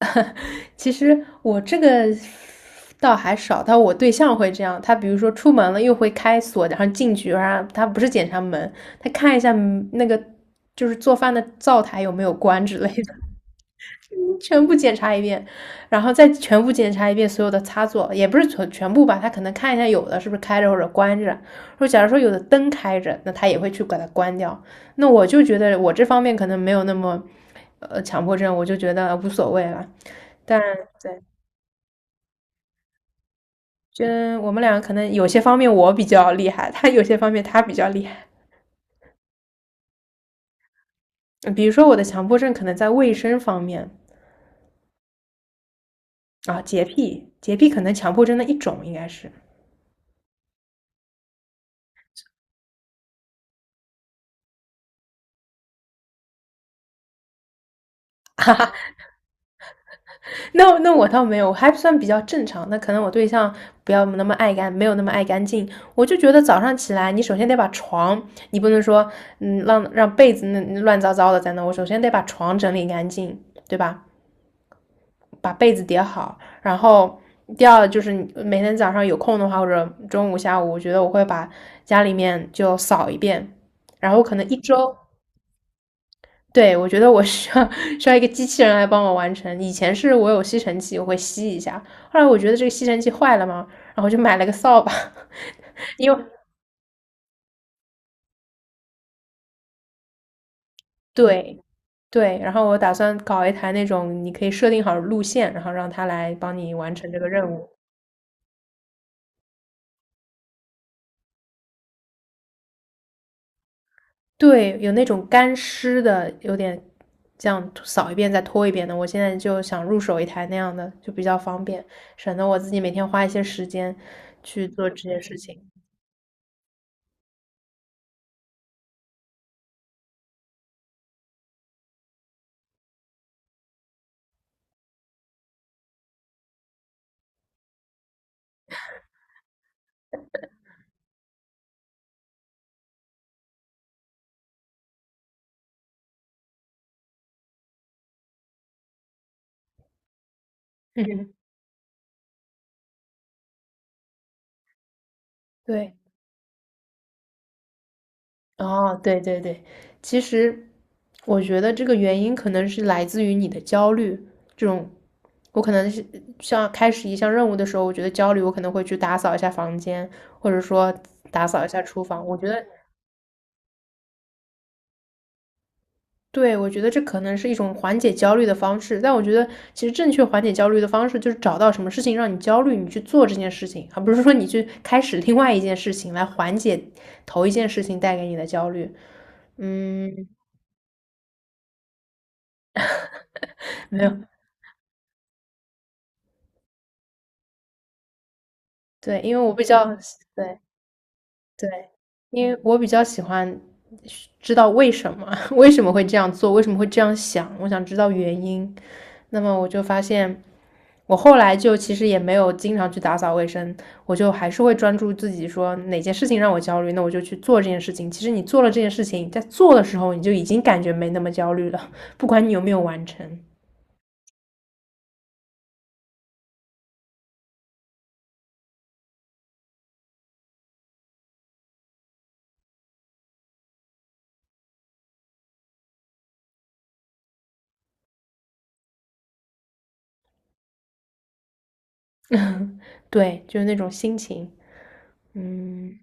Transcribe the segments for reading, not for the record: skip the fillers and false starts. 其实我这个倒还少，但我对象会这样。他比如说出门了，又会开锁，然后进去，然后他不是检查门，他看一下那个就是做饭的灶台有没有关之类的，全部检查一遍，然后再全部检查一遍所有的插座，也不是全部吧，他可能看一下有的是不是开着或者关着。说假如说有的灯开着，那他也会去把它关掉。那我就觉得我这方面可能没有那么强迫症，我就觉得无所谓了。但对，就我们两个可能有些方面我比较厉害，他有些方面他比较厉害。嗯比如说我的强迫症可能在卫生方面。啊，洁癖，洁癖可能强迫症的一种应该是。那我倒没有，我还算比较正常。那可能我对象不要那么爱干，没有那么爱干净。我就觉得早上起来，你首先得把床，你不能说让被子那乱糟糟的在那，我首先得把床整理干净，对吧？把被子叠好，然后第二就是每天早上有空的话，或者中午、下午，我觉得我会把家里面就扫一遍，然后可能一周，对，我觉得我需要 需要一个机器人来帮我完成。以前是我有吸尘器，我会吸一下，后来我觉得这个吸尘器坏了嘛，然后我就买了个扫把，因为对。对，然后我打算搞一台那种，你可以设定好路线，然后让它来帮你完成这个任务。对，有那种干湿的，有点这样扫一遍再拖一遍的。我现在就想入手一台那样的，就比较方便，省得我自己每天花一些时间去做这件事情。嗯，对，哦，对对对，其实我觉得这个原因可能是来自于你的焦虑，这种我可能是像开始一项任务的时候，我觉得焦虑，我可能会去打扫一下房间，或者说打扫一下厨房。我觉得对，我觉得这可能是一种缓解焦虑的方式，但我觉得其实正确缓解焦虑的方式就是找到什么事情让你焦虑，你去做这件事情，而不是说你去开始另外一件事情来缓解头一件事情带给你的焦虑。嗯，没有，对，因为我比较，对，对，因为我比较喜欢知道为什么，为什么会这样做，为什么会这样想，我想知道原因。那么我就发现，我后来就其实也没有经常去打扫卫生，我就还是会专注自己说哪件事情让我焦虑，那我就去做这件事情。其实你做了这件事情，在做的时候你就已经感觉没那么焦虑了，不管你有没有完成。对，就是那种心情，嗯，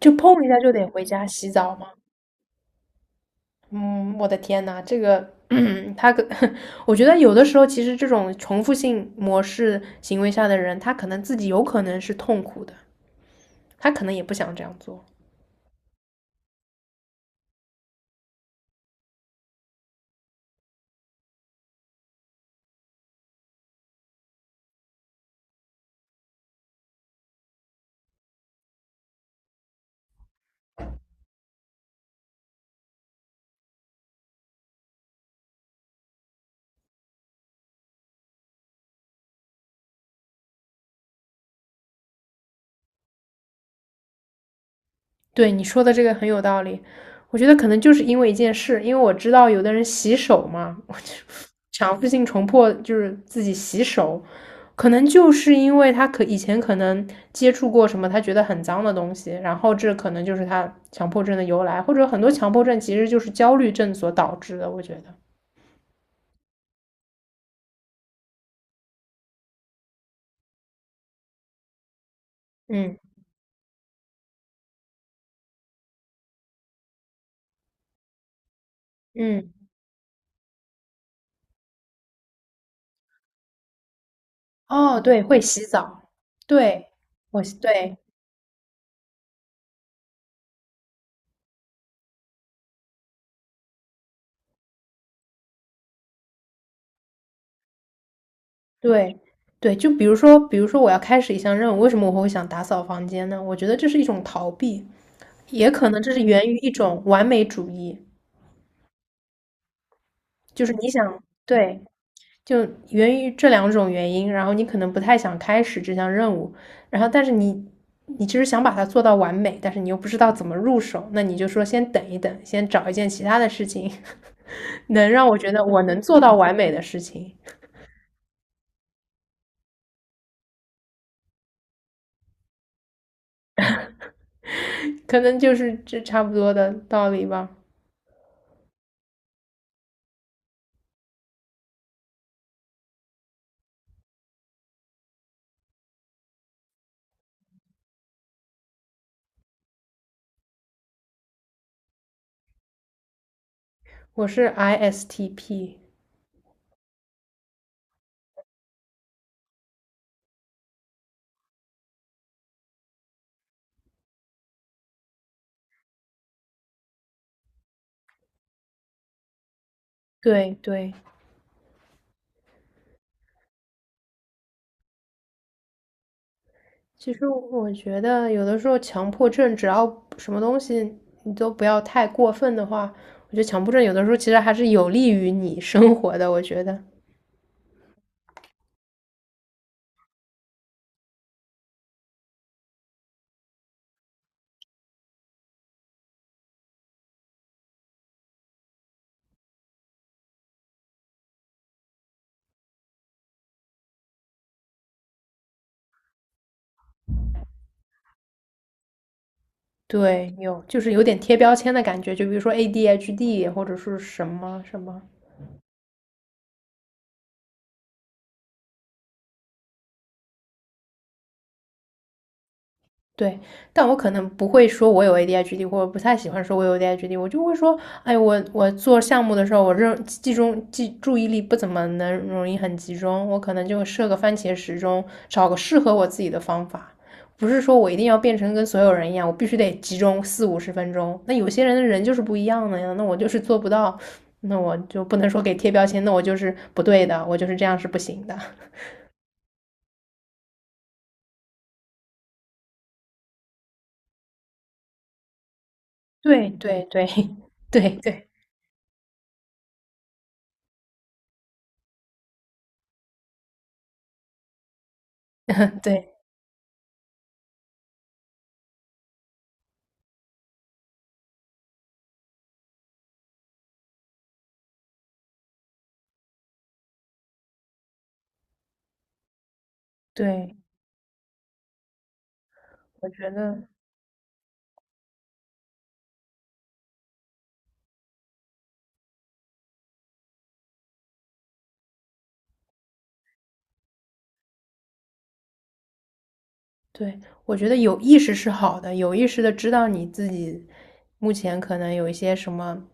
就碰一下就得回家洗澡嘛。嗯，我的天呐，这个，他可，我觉得有的时候其实这种重复性模式行为下的人，他可能自己有可能是痛苦的，他可能也不想这样做。对你说的这个很有道理，我觉得可能就是因为一件事，因为我知道有的人洗手嘛，我就 强制性重迫就是自己洗手，可能就是因为他可以前可能接触过什么他觉得很脏的东西，然后这可能就是他强迫症的由来，或者很多强迫症其实就是焦虑症所导致的，我觉得，嗯嗯，哦，对，会洗澡，对，我对。对，对，就比如说，比如说我要开始一项任务，为什么我会想打扫房间呢？我觉得这是一种逃避，也可能这是源于一种完美主义，就是你想，对，就源于这两种原因，然后你可能不太想开始这项任务，然后但是你你其实想把它做到完美，但是你又不知道怎么入手，那你就说先等一等，先找一件其他的事情，能让我觉得我能做到完美的事情，可能就是这差不多的道理吧。我是 ISTP。对对，其实我觉得有的时候强迫症，只要什么东西你都不要太过分的话，我觉得强迫症有的时候其实还是有利于你生活的。我觉得，对，有就是有点贴标签的感觉，就比如说 ADHD 或者是什么什么，对，但我可能不会说我有 ADHD，或者不太喜欢说我有 ADHD，我就会说，哎，我做项目的时候，我认集中记注意力不怎么能容易很集中，我可能就设个番茄时钟，找个适合我自己的方法，不是说我一定要变成跟所有人一样，我必须得集中40到50分钟。那有些人的人就是不一样的呀，那我就是做不到，那我就不能说给贴标签，那我就是不对的，我就是这样是不行的。对对对 对对 对对，我觉得。对，我觉得有意识是好的，有意识的知道你自己目前可能有一些什么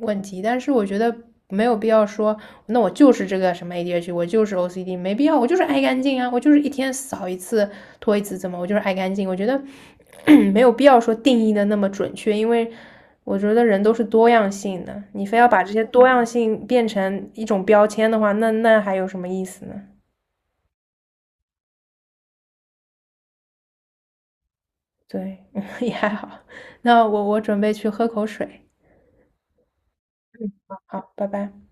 问题，但是我觉得没有必要说，那我就是这个什么 ADHD，我就是 OCD，没必要，我就是爱干净啊，我就是一天扫一次、拖一次，怎么我就是爱干净？我觉得 没有必要说定义的那么准确，因为我觉得人都是多样性的，你非要把这些多样性变成一种标签的话，那还有什么意思呢？对，也还好，那我准备去喝口水，好，拜拜。